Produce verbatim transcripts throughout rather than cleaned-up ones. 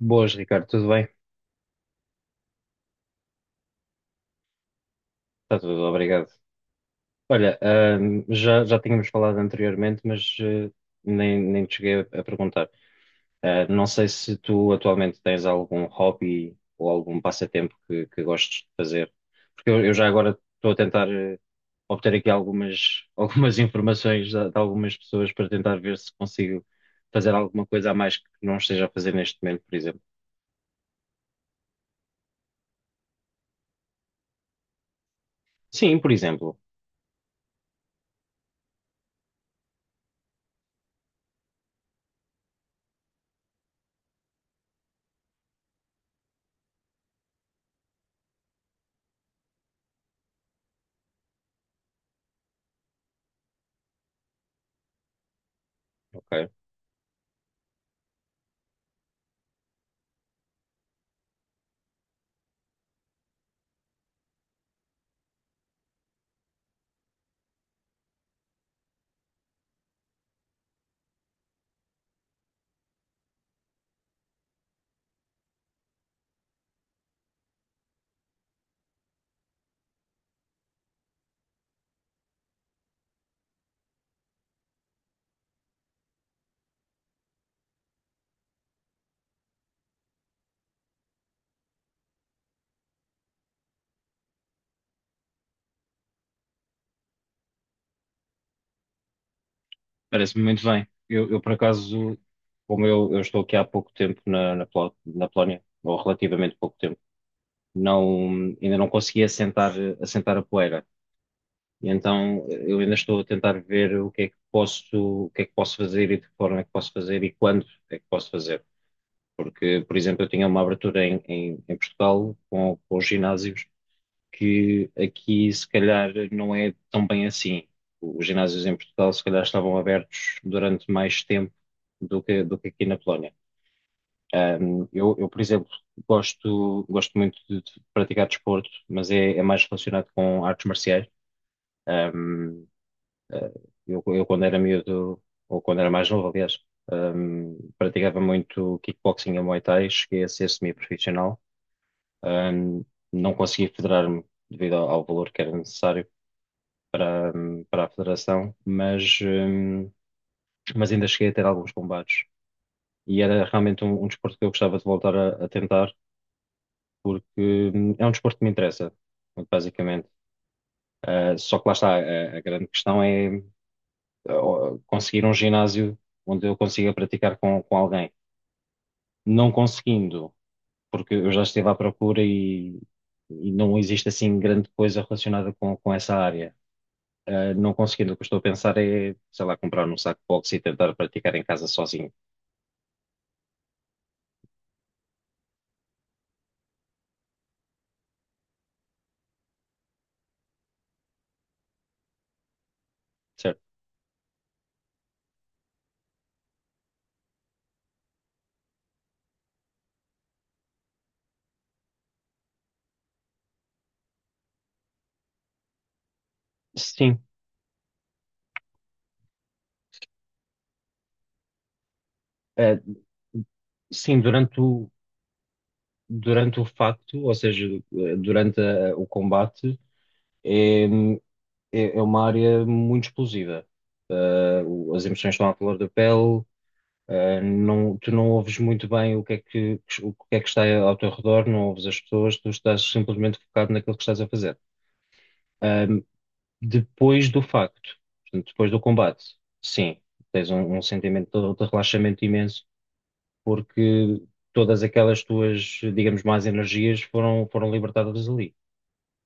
Boas, Ricardo, tudo bem? Está tudo, obrigado. Olha, ahm, já, já tínhamos falado anteriormente, mas eh, nem, nem te cheguei a, a perguntar. Ah, não sei se tu atualmente tens algum hobby ou algum passatempo que, que gostes de fazer, porque eu, eu já agora estou a tentar eh, obter aqui algumas, algumas informações de, de algumas pessoas para tentar ver se consigo fazer alguma coisa a mais que não esteja a fazer neste momento, por exemplo. Sim, por exemplo. Ok. Parece-me muito bem. Eu, eu, por acaso, como eu, eu estou aqui há pouco tempo na, na, Pol- na Polónia, ou relativamente pouco tempo, não, ainda não consegui assentar, assentar a poeira. E então eu ainda estou a tentar ver o que é que posso, o que é que posso fazer e de que forma é que posso fazer e quando é que posso fazer. Porque, por exemplo, eu tinha uma abertura em, em, em Portugal com, com os ginásios que aqui se calhar não é tão bem assim. Os ginásios em Portugal se calhar estavam abertos durante mais tempo do que, do que aqui na Polónia. Ahm, eu, eu, por exemplo, gosto, gosto muito de, de praticar desporto, mas é, é mais relacionado com artes marciais. Ahm, ah, eu, eu, quando era miúdo, ou quando era mais novo, aliás, ahm, praticava muito kickboxing e Muay Thai, cheguei a ser semi-profissional. Ahm, não consegui federar-me devido ao ao valor que era necessário para, para a federação, mas, hum, mas ainda cheguei a ter alguns combates. E era realmente um, um desporto que eu gostava de voltar a, a tentar, porque hum, é um desporto que me interessa, basicamente. Ah, só que lá está, a, a grande questão é ah, conseguir um ginásio onde eu consiga praticar com, com alguém. Não conseguindo, porque eu já estive à procura e, e não existe assim grande coisa relacionada com, com essa área. Uh, não conseguindo, o que eu estou a pensar é, sei lá, comprar um saco de boxe e tentar praticar em casa sozinho, certo? Sim, uh, sim, durante o, durante o facto, ou seja, uh, durante a- o combate, é, é, é uma área muito explosiva. Uh, o- as emoções estão à flor da pele, uh, não, tu não ouves muito bem o que é que, o que é que está ao teu redor, não ouves as pessoas, tu estás simplesmente focado naquilo que estás a fazer. Eh, Depois do facto, portanto, depois do combate, sim, tens um, um sentimento de, de relaxamento imenso, porque todas aquelas tuas, digamos, más energias foram, foram libertadas ali.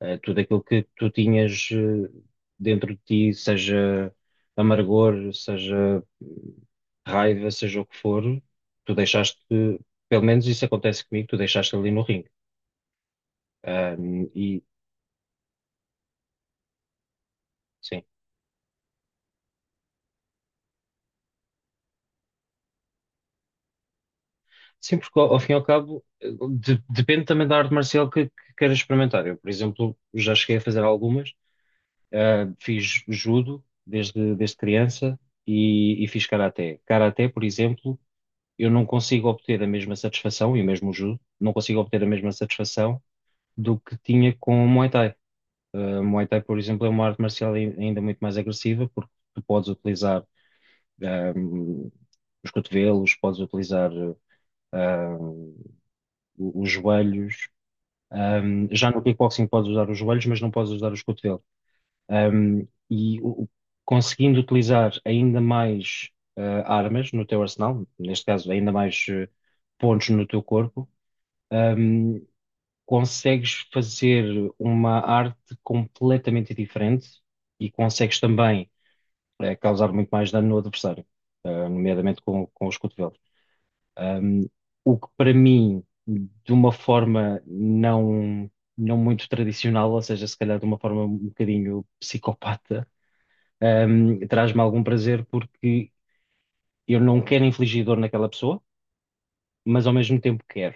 Eh, tudo aquilo que tu tinhas eh, dentro de ti, seja amargor, seja raiva, seja o que for, tu deixaste, pelo menos isso acontece comigo, tu deixaste ali no ringue. Ah, e sim. Sim, porque ao ao fim e ao cabo eh, de- depende também da arte marcial que, que queiras experimentar. Eu, por exemplo, já cheguei a fazer algumas. Ah, fiz judo desde, desde criança e, e fiz karaté. Karaté, por exemplo, eu não consigo obter a mesma satisfação, e mesmo o judo, não consigo obter a mesma satisfação do que tinha com o Muay Thai. Ah, Muay Thai, por exemplo, é uma arte marcial ai- ainda muito mais agressiva, porque tu podes utilizar ah, os cotovelos, podes utilizar. ah, o- os joelhos. Um, já no kickboxing podes usar os joelhos, mas não podes usar os cotovelos. Um, e o- Conseguindo utilizar ainda mais uh, armas no teu arsenal, neste caso ainda mais uh, pontos no teu corpo, um, consegues fazer uma arte completamente diferente e consegues também uh, causar muito mais dano no adversário, uh, nomeadamente com, com os cotovelos. Um, o que para mim, de uma forma não, não muito tradicional, ou seja, se calhar de uma forma um bocadinho psicopata, um, traz-me algum prazer porque eu não quero infligir dor naquela pessoa, mas ao mesmo tempo quero,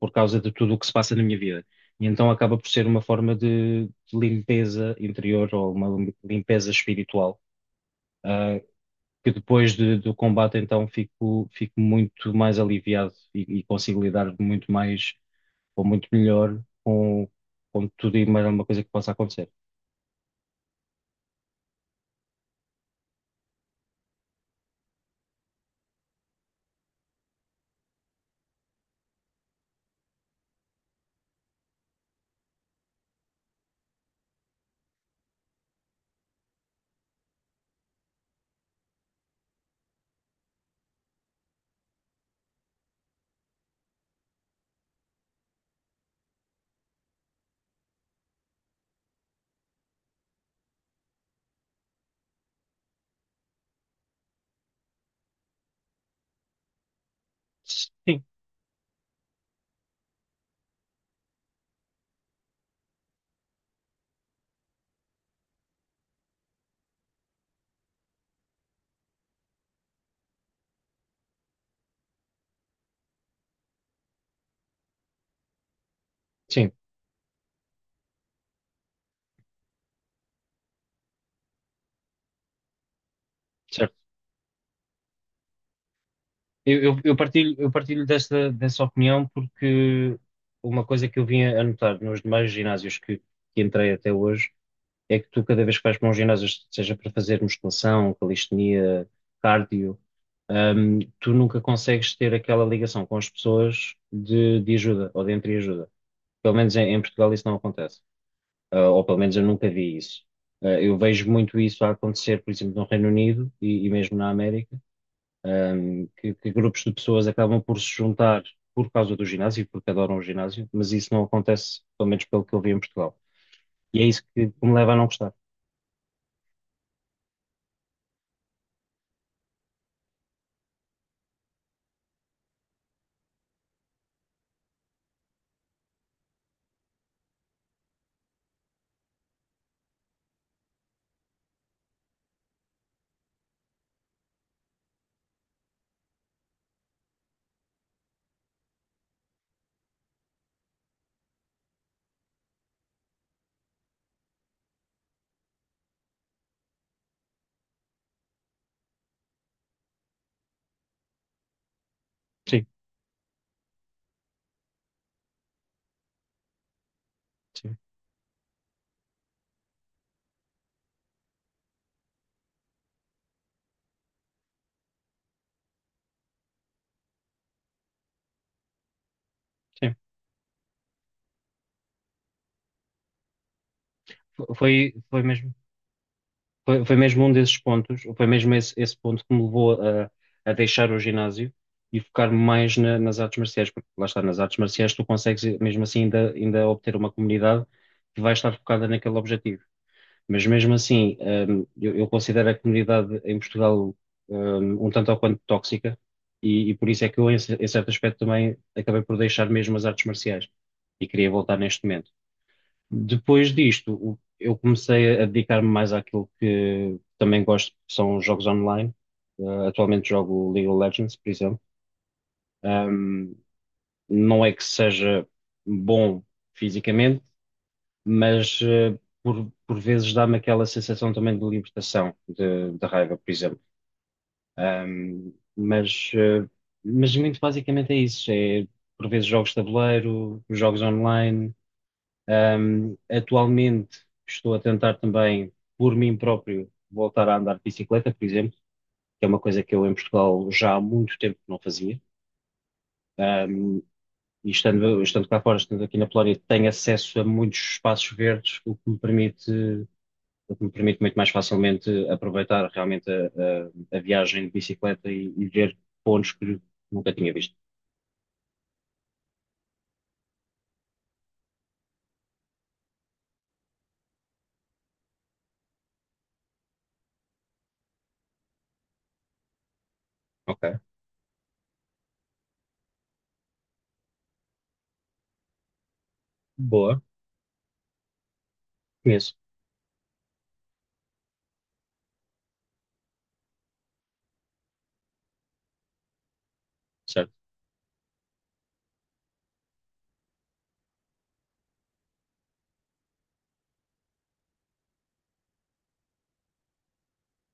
por causa de tudo o que se passa na minha vida. E então acaba por ser uma forma de, de limpeza interior ou uma lim- limpeza espiritual. uh, que depois de- do combate então fico, fico muito mais aliviado e, e consigo lidar muito mais ou muito melhor com, com tudo e mais alguma coisa que possa acontecer. Sim, sim, certo. Eu, eu- eu partilho, eu partilho dessa, dessa opinião porque uma coisa que eu vim a notar nos demais ginásios que, que entrei até hoje é que tu, cada vez que vais para um ginásio, seja para fazer musculação, calistenia, cardio, hum, tu nunca consegues ter aquela ligação com as pessoas de, de ajuda ou de entreajuda. Pelo menos em, em Portugal isso não acontece. Ah, ou pelo menos eu nunca vi isso. Ah, eu vejo muito isso a acontecer, por exemplo, no Reino Unido e, e mesmo na América, ahm, que, que grupos de pessoas acabam por se juntar por causa do ginásio, porque adoram o ginásio, mas isso não acontece, pelo menos pelo que eu vi em Portugal. E é isso que, que me leva a não gostar. Sim, sim, sim. Foi, foi mesmo. Foi, foi mesmo um desses pontos, ou foi mesmo esse, esse ponto que me levou a, a deixar o ginásio e focar mais na- nas artes marciais, porque lá está, nas artes marciais tu consegues mesmo assim ainda, ainda obter uma comunidade que vai estar focada naquele objetivo. Mas mesmo assim, hum, eu, eu considero a comunidade em Portugal, hum, um tanto ou quanto tóxica e, e por isso é que eu, em, ce- em certo aspecto, também acabei por deixar mesmo as artes marciais e queria voltar neste momento. Depois disto, o- eu comecei a dedicar-me mais àquilo que também gosto, que são jogos online. Uh, atualmente jogo League of Legends, por exemplo. Um, não é que seja bom fisicamente, mas uh, por, por vezes dá-me aquela sensação também de libertação, de, de raiva, por exemplo. Um, mas, uh, mas muito basicamente é isso. É por vezes jogos de tabuleiro, jogos online. Um, atualmente estou a tentar também, por mim próprio, voltar a andar de bicicleta, por exemplo, que é uma coisa que eu em Portugal já há muito tempo que não fazia. Um, e estando, estando cá fora, estando aqui na Polónia, tenho acesso a muitos espaços verdes, o que me permite, o que me permite muito mais facilmente aproveitar realmente a, a- a viagem de bicicleta e, e ver pontos que nunca tinha visto. Ok, boa, conheço, certo?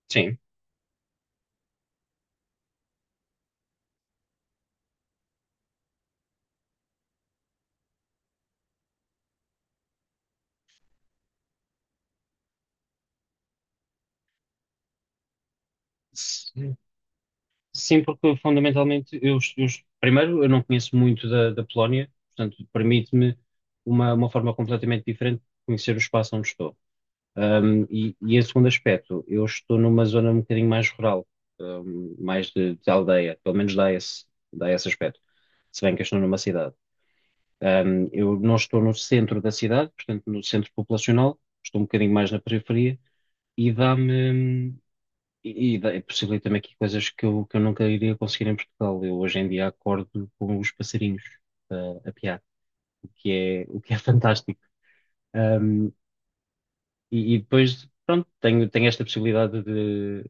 Sim. Sim, porque fundamentalmente eu, eu primeiro eu não conheço muito da, da Polónia, portanto permite-me uma, uma forma completamente diferente de conhecer o espaço onde estou. Ahm, e, e em segundo aspecto, eu estou numa zona um bocadinho mais rural, ahm, mais de, de aldeia, pelo menos dá esse, dá esse aspecto, se bem que eu estou numa cidade. Ahm, eu não estou no centro da cidade, portanto no centro populacional, estou um bocadinho mais na periferia e dá-me e, e dá- possibilita-me aqui coisas que eu, que eu nunca iria conseguir em Portugal. Eu hoje em dia acordo com os passarinhos ah, a piar, o que é, o que é fantástico. Ahm, e, e depois, pronto, tenho, tenho esta possibilidade de,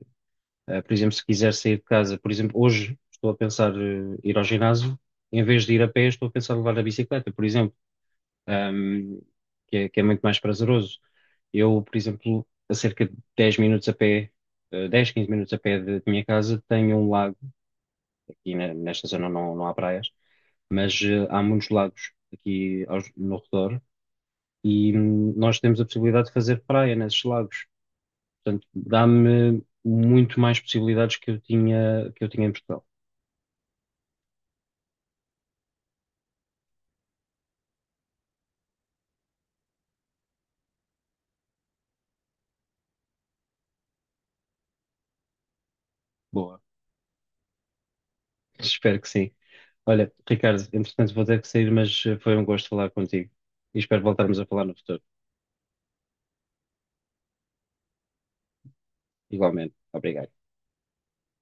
ah, por exemplo, se quiser sair de casa, por exemplo, hoje estou a pensar eh, ir ao ginásio, em vez de ir a pé, estou a pensar levar a bicicleta, por exemplo, ahm, que é, que é muito mais prazeroso. Eu, por exemplo, a cerca de dez minutos a pé, eh, dez, quinze minutos a pé de de minha casa, tenho um lago e ne- nesta zona não, não há praias, mas eh, há muitos lagos aqui aos- no redor e hum, nós temos a possibilidade de fazer praia nesses lagos. Portanto, dá-me muito mais possibilidades que eu tinha, que eu tinha em Portugal. Boa. Espero que sim. Olha, Ricardo, entretanto vou ter que sair, mas eh, foi um gosto falar contigo e espero voltarmos a falar no futuro. Igualmente. Obrigado.